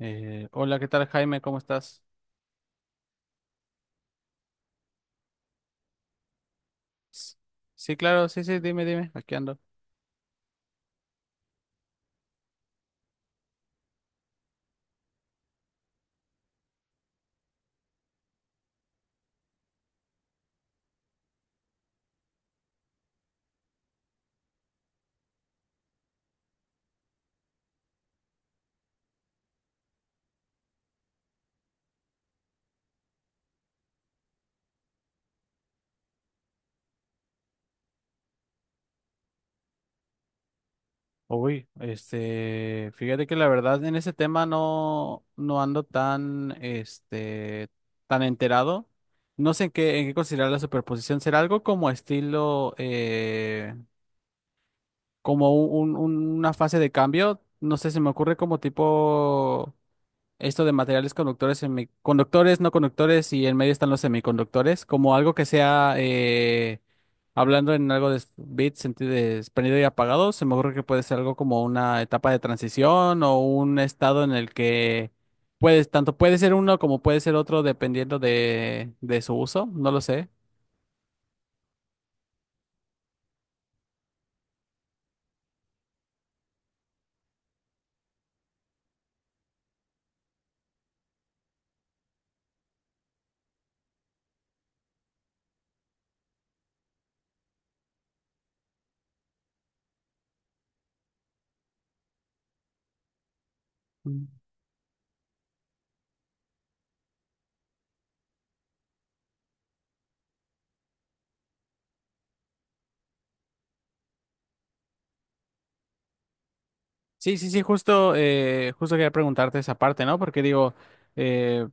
Hola, ¿qué tal, Jaime? ¿Cómo estás? S- Sí, claro, sí, sí, dime, dime, aquí ando. Uy, este, fíjate que la verdad en ese tema no ando tan, este, tan enterado. No sé en qué considerar la superposición. ¿Será algo como estilo, como una fase de cambio? No sé, se me ocurre como tipo esto de materiales conductores, semiconductores, no conductores y en medio están los semiconductores, como algo que sea, hablando en algo de bits, sentido de prendido y apagado, se me ocurre que puede ser algo como una etapa de transición o un estado en el que puedes, tanto puede ser uno como puede ser otro dependiendo de su uso, no lo sé. Mm. Sí, sí, sí, justo, justo quería preguntarte esa parte, ¿no? Porque digo, eh,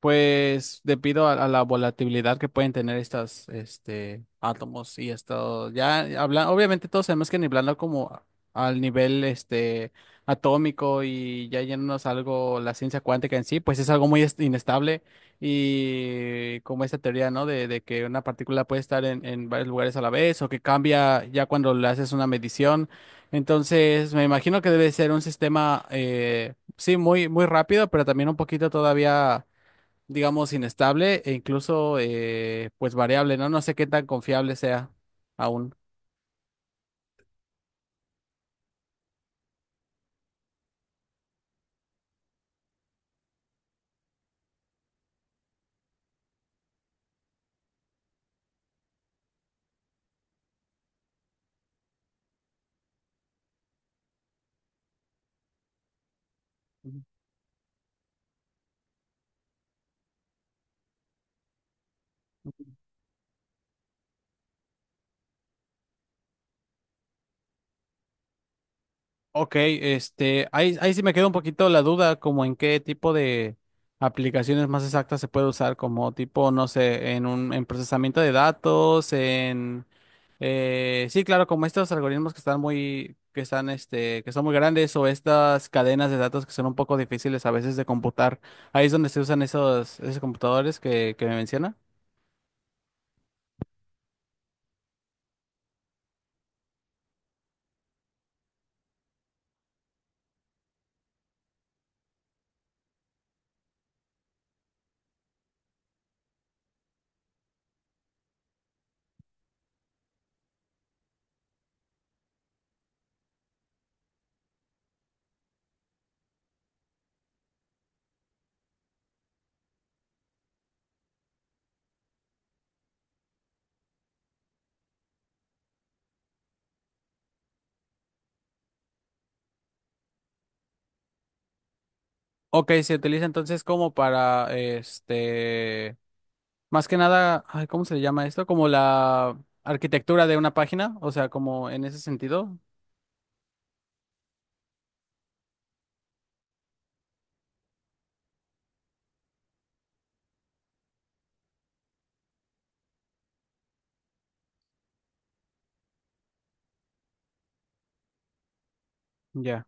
pues debido a la volatilidad que pueden tener estos este, átomos y esto, ya hablan, obviamente todos sabemos que hablando como al nivel este, atómico y ya yéndonos a algo, la ciencia cuántica en sí, pues es algo muy inestable y como esta teoría, ¿no? De que una partícula puede estar en varios lugares a la vez o que cambia ya cuando le haces una medición. Entonces, me imagino que debe ser un sistema, sí, muy, muy rápido, pero también un poquito todavía digamos, inestable e incluso, pues, variable, ¿no? No sé qué tan confiable sea aún. Ok, este, ahí, ahí sí me queda un poquito la duda, como en qué tipo de aplicaciones más exactas se puede usar, como tipo, no sé, en un, en procesamiento de datos, en, sí, claro, como estos algoritmos que están muy, que están, este, que son muy grandes o estas cadenas de datos que son un poco difíciles a veces de computar. Ahí es donde se usan esos, esos computadores que me menciona. Ok, se utiliza entonces como para, este, más que nada, ay, ¿cómo se le llama esto? Como la arquitectura de una página, o sea, como en ese sentido. Ya.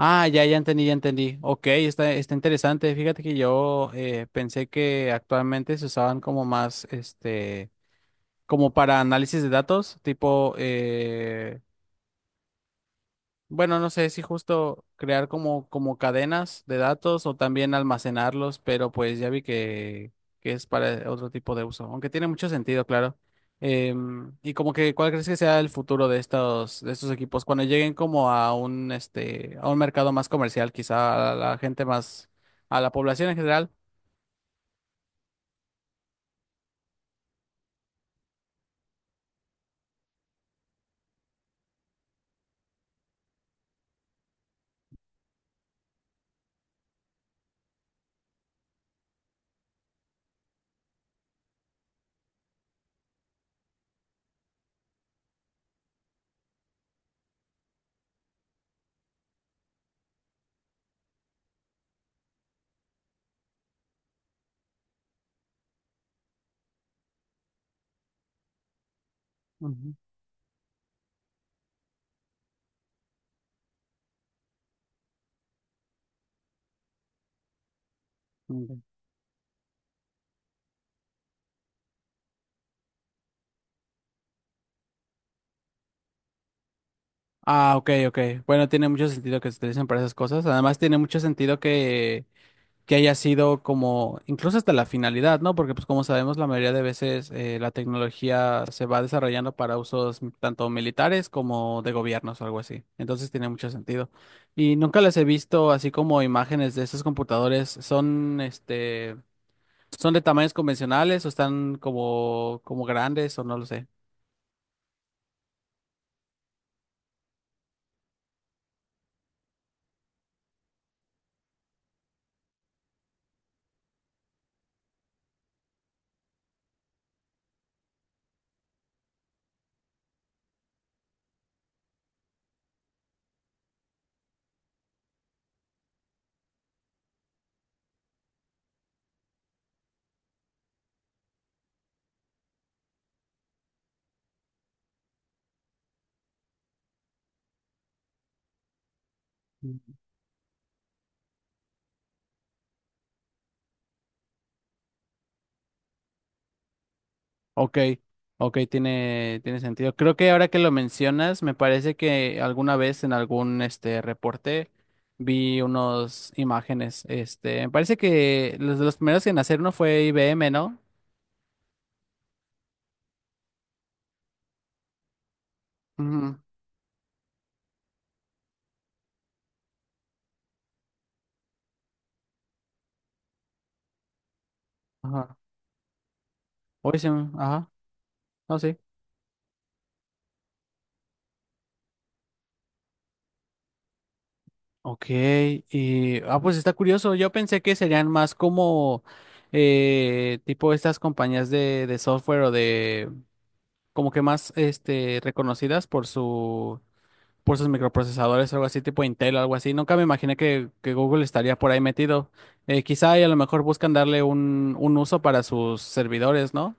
Ah, ya, ya entendí, ya entendí. Ok, está, está interesante. Fíjate que yo pensé que actualmente se usaban como más, este, como para análisis de datos, tipo, bueno, no sé si justo crear como, como cadenas de datos o también almacenarlos, pero pues ya vi que es para otro tipo de uso, aunque tiene mucho sentido, claro. Y como que, ¿cuál crees que sea el futuro de estos equipos? Cuando lleguen como a un, este, a un mercado más comercial, quizá a la gente más, a la población en general. Ujú. Mm. Sí. Ah, ok, ok. Bueno, tiene mucho sentido que se utilicen para esas cosas. Además, tiene mucho sentido que haya sido como, incluso hasta la finalidad, ¿no? Porque pues como sabemos, la mayoría de veces la tecnología se va desarrollando para usos tanto militares como de gobiernos o algo así. Entonces tiene mucho sentido. Y nunca les he visto así como imágenes de esos computadores. Son, este, son de tamaños convencionales o están como, como grandes o no lo sé. Ok, ok, tiene, tiene sentido. Creo que ahora que lo mencionas, me parece que alguna vez en algún este reporte vi unas imágenes. Este, me parece que los de los primeros en hacer uno fue IBM, ¿no? Ujú. Ajá. Hoy se ajá. No sé. Ok, y ah, pues está curioso. Yo pensé que serían más como tipo estas compañías de software o de como que más este reconocidas por su por sus microprocesadores, algo así, tipo Intel, algo así. Nunca me imaginé que Google estaría por ahí metido. Quizá y a lo mejor buscan darle un uso para sus servidores, ¿no?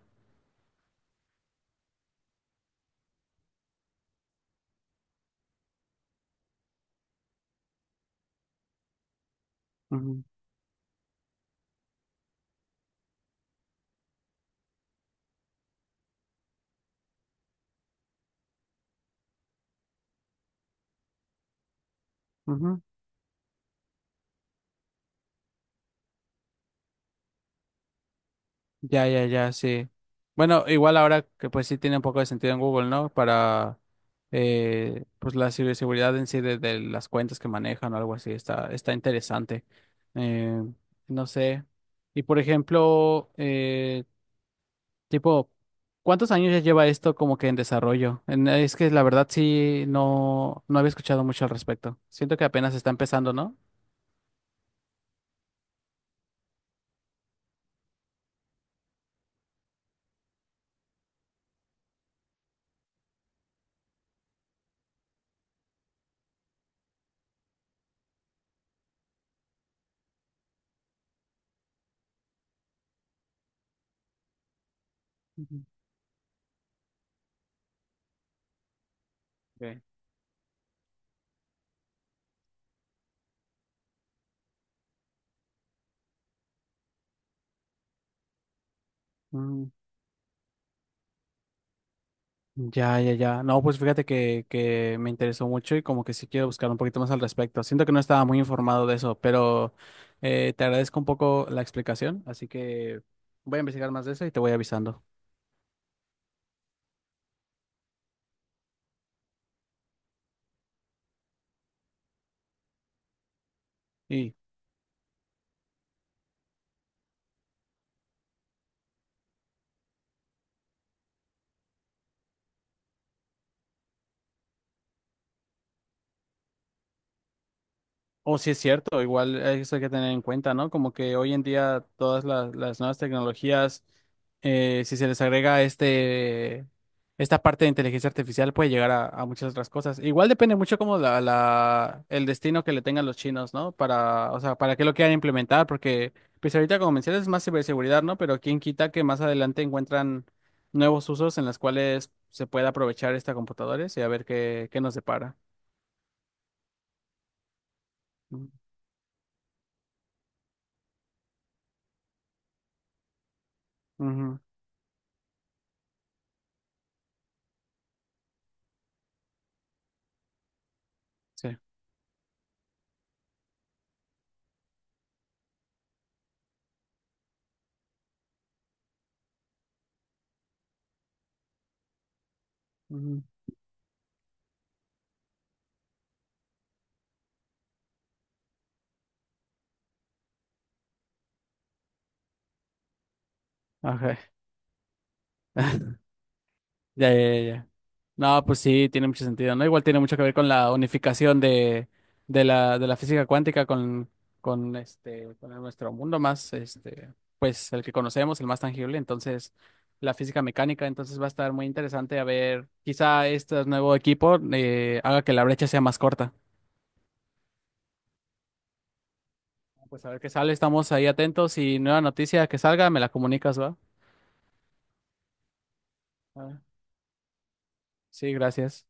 Ujú, ujú. Ya, ya, ya, sí. Bueno, igual ahora que pues sí tiene un poco de sentido en Google, ¿no? Para pues la ciberseguridad en sí de las cuentas que manejan o algo así, está, está interesante. Eh, no sé. Y por ejemplo, tipo, ¿cuántos años ya lleva esto como que en desarrollo? Es que la verdad sí, no, no había escuchado mucho al respecto. Siento que apenas está empezando, ¿no? Ujú. Ok. Mm, ya, ya, ya. No, pues fíjate que me interesó mucho y como que sí quiero buscar un poquito más al respecto. Siento que no estaba muy informado de eso, pero te agradezco un poco la explicación, así que voy a investigar más de eso y te voy avisando. Y o si es cierto, igual eso hay que tener en cuenta, ¿no? Como que hoy en día todas las nuevas tecnologías, si se les agrega este, esta parte de inteligencia artificial, puede llegar a muchas otras cosas. Igual depende mucho como la, el destino que le tengan los chinos, ¿no? Para, o sea, para qué lo quieran implementar, porque pues ahorita como mencionas es más ciberseguridad, ¿no? Pero quién quita que más adelante encuentran nuevos usos en los cuales se pueda aprovechar esta computadora y a ver qué, qué nos depara. Ujú, ujú. Sí. Ujú. Ajá. Ya, ya, ya, ya. No, pues sí, tiene mucho sentido, ¿no? Igual tiene mucho que ver con la unificación de la física cuántica con este, con nuestro mundo más, este, pues el que conocemos, el más tangible, entonces la física mecánica, entonces va a estar muy interesante a ver, quizá este nuevo equipo haga que la brecha sea más corta. Pues a ver qué sale, estamos ahí atentos y nueva noticia que salga, me la comunicas, ¿va? Ah, sí, gracias.